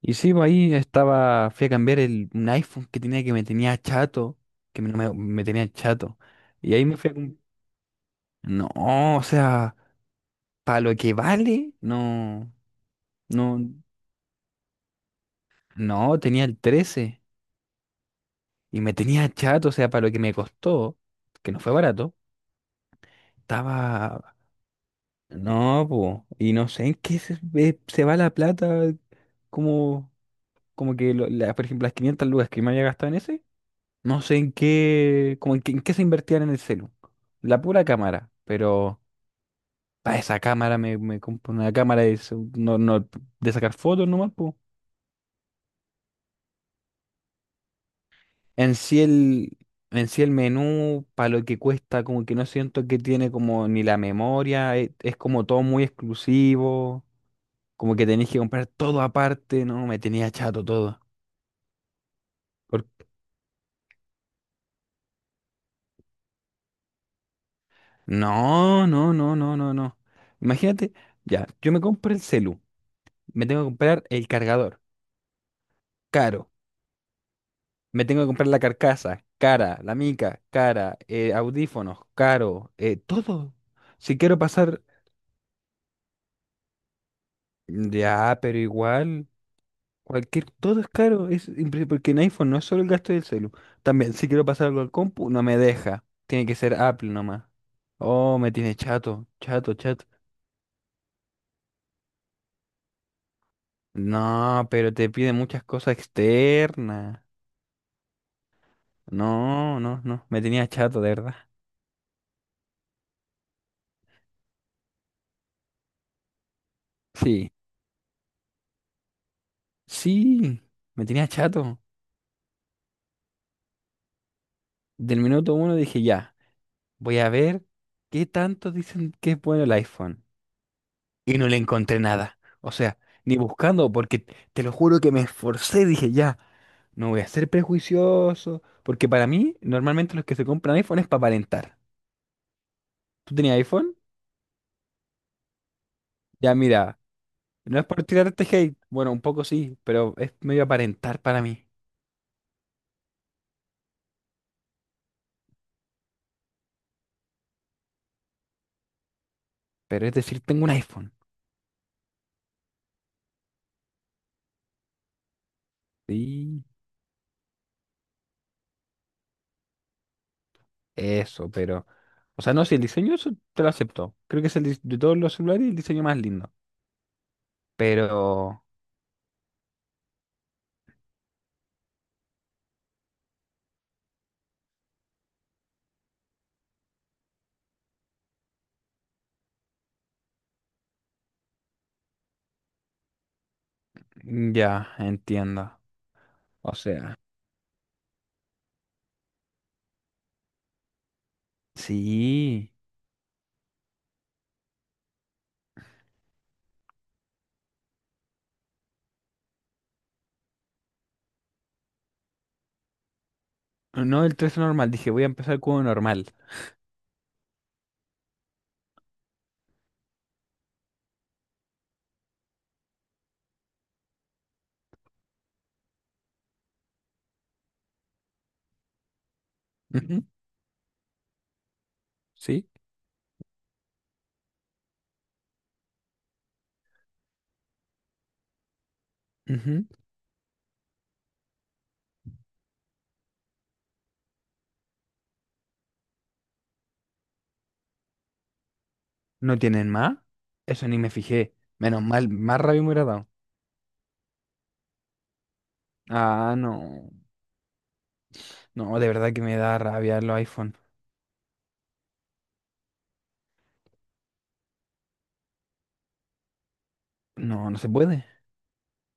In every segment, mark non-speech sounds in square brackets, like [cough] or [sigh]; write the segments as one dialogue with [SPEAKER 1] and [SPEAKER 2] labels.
[SPEAKER 1] Y sí, pues ahí estaba, fui a cambiar un iPhone que tenía que me tenía chato, que me tenía chato. Y ahí me fui. No, o sea, para lo que vale, no, no, no, tenía el 13 y me tenía chato, o sea, para lo que me costó, que no fue barato, estaba. No, pues, y no sé en qué se va la plata, como, como que, por ejemplo, las 500 lucas que me había gastado en ese. No sé en qué se invertían en el celu. La pura cámara, pero para esa cámara me compro una cámara de, no, no, de sacar fotos nomás, po. En sí el, en sí el menú, para lo que cuesta, como que no siento que tiene como ni la memoria, es, como todo muy exclusivo, como que tenéis que comprar todo aparte, no, me tenía chato todo. Por- No, no, no, no, no, no. Imagínate, ya, yo me compro el celu, me tengo que comprar el cargador, caro. Me tengo que comprar la carcasa, cara, la mica, cara, audífonos, caro, todo. Si quiero pasar, ya, pero igual, cualquier, todo es caro, porque en iPhone no es solo el gasto del celu. También, si quiero pasar algo al compu, no me deja. Tiene que ser Apple nomás. Oh, me tiene chato, chato, chato. No, pero te pide muchas cosas externas. No, no, no, me tenía chato, de verdad. Sí, sí, me tenía chato. Del minuto uno dije ya. Voy a ver qué tanto dicen que es bueno el iPhone. Y no le encontré nada. O sea, ni buscando, porque te lo juro que me esforcé. Dije, ya, no voy a ser prejuicioso. Porque para mí, normalmente los que se compran iPhone es para aparentar. ¿Tú tenías iPhone? Ya, mira, no es por tirarte hate. Bueno, un poco sí, pero es medio aparentar para mí. Pero es decir, tengo un iPhone. Sí, eso, pero. O sea, no, si el diseño eso te lo acepto. Creo que es el de todos los celulares el diseño más lindo. Pero. Mm, ya, entiendo. O sea, sí. Oh, no, el tres normal. Dije, voy a empezar con uno normal. Ujú. ¿Sí? Ujú. ¿No tienen más? Eso ni me fijé. Menos mal, más rabia me hubiera dado. Ah, no. No, de verdad que me da rabia los iPhone. No, no se puede.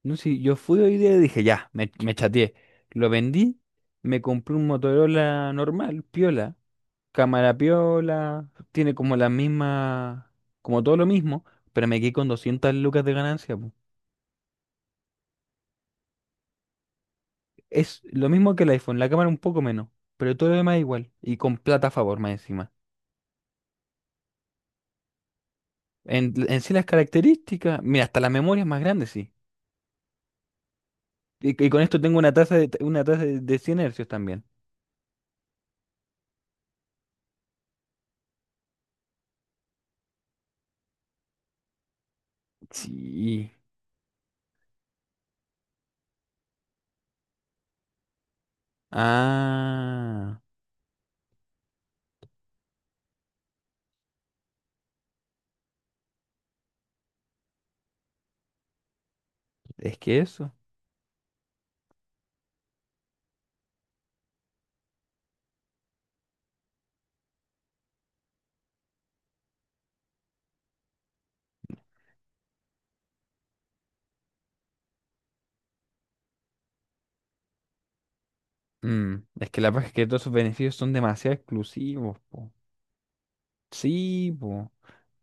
[SPEAKER 1] No, si yo fui hoy día y dije, ya, me chateé. Lo vendí, me compré un Motorola normal, piola. Cámara piola, tiene como la misma, como todo lo mismo, pero me quedé con 200 lucas de ganancia, po. Es lo mismo que el iPhone, la cámara un poco menos, pero todo lo demás es igual y con plata a favor más encima. En sí las características, mira, hasta la memoria es más grande, sí. Y con esto tengo una tasa de 100 hercios también. Sí. Ah, es que eso. Mm, es que la verdad es que todos sus beneficios son demasiado exclusivos, po. Sí, po.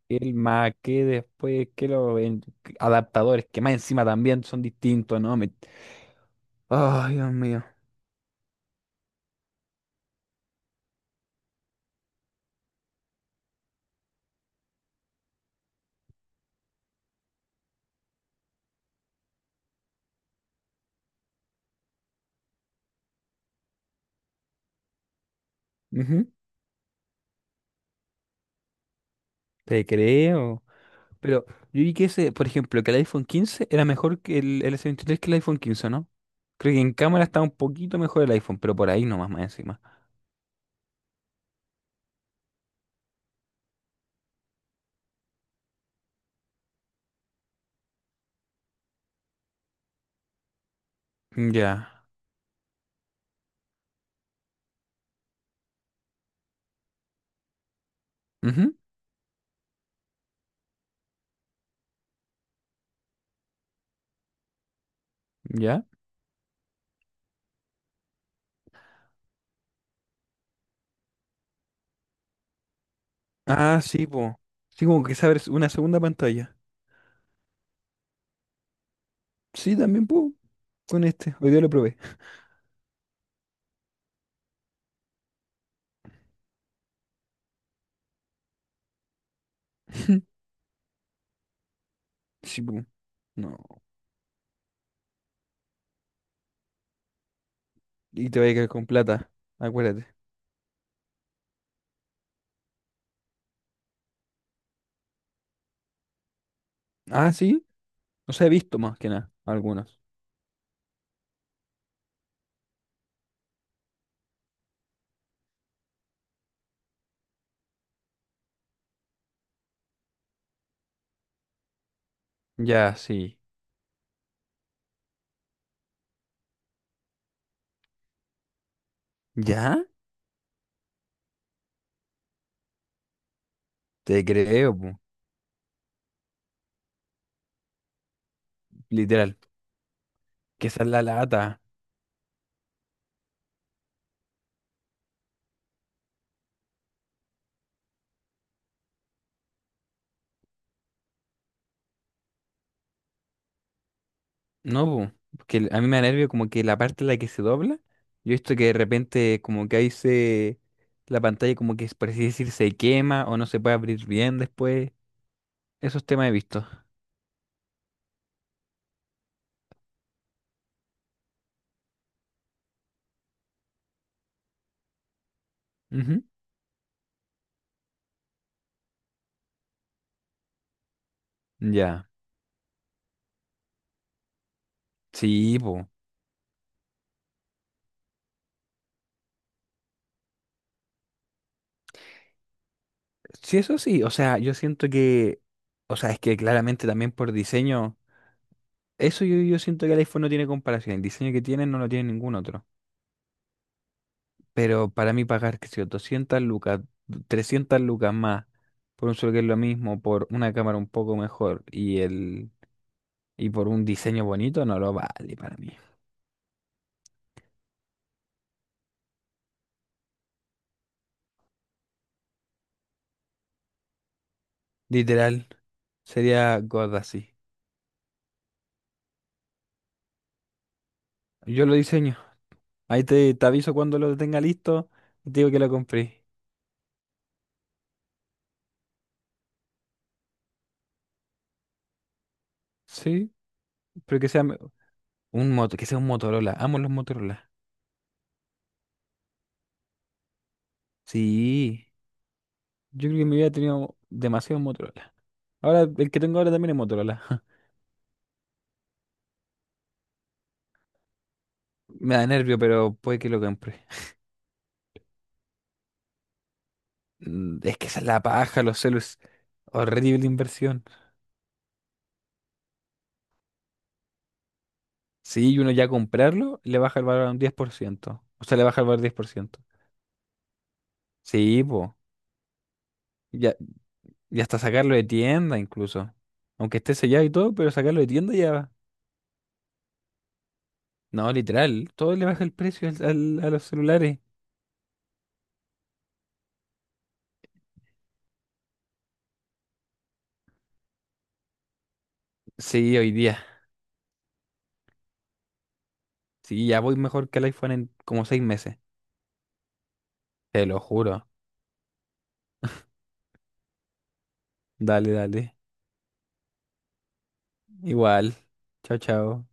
[SPEAKER 1] El Mac, que después, que los adaptadores, que más encima también son distintos, ¿no? Ay, Dios mío. Ujú, te creo. Pero yo vi que ese, por ejemplo, que el iPhone 15 era mejor que el S23 que el iPhone 15, ¿no? Creo que en cámara está un poquito mejor el iPhone, pero por ahí nomás más encima. Ya. Ujú, ya. Ah, sí, po. Sí, como que sabes una segunda pantalla. Sí, también, po. Con este. Hoy día lo probé. [laughs] Sí, po. No. Y te voy a quedar con plata. Acuérdate. Ah, sí. No sé, he visto más que nada algunas. Ya, sí. ¿Ya? Te creo, po. Literal. Que esa es la lata. No, po. Porque a mí me da nervio como que la parte en la que se dobla. Yo he visto que de repente como que ahí se. La pantalla como que, por así decir, se quema o no se puede abrir bien después. Esos temas he visto. Ujú. Ya. Sí, po. Sí, eso sí. O sea, yo siento que. O sea, es que claramente también por diseño. Eso yo siento que el iPhone no tiene comparación. El diseño que tiene no lo tiene ningún otro. Pero para mí pagar, qué sé yo, 200 lucas, 300 lucas más por un solo que es lo mismo, por una cámara un poco mejor y por un diseño bonito, no lo vale para mí. Literal, sería God así. Yo lo diseño. Ahí te aviso cuando lo tenga listo y te digo que lo compré. Sí, pero que sea un moto, que sea un Motorola. Amo los Motorola. Sí, yo creo que en mi vida he tenido demasiados Motorola. Ahora, el que tengo ahora también es Motorola. [laughs] Me da nervio, pero puede que lo compre. Es que esa es la paja, los celus. Horrible inversión. Sí, y uno ya comprarlo, le baja el valor a un 10%. O sea, le baja el valor 10%. Sí, po. Ya, ya hasta sacarlo de tienda incluso. Aunque esté sellado y todo, pero sacarlo de tienda ya. No, literal, todo le baja el precio a los celulares. Sí, hoy día. Sí, ya voy mejor que el iPhone en como 6 meses. Te lo juro. Dale, dale. Igual. Chao, chao.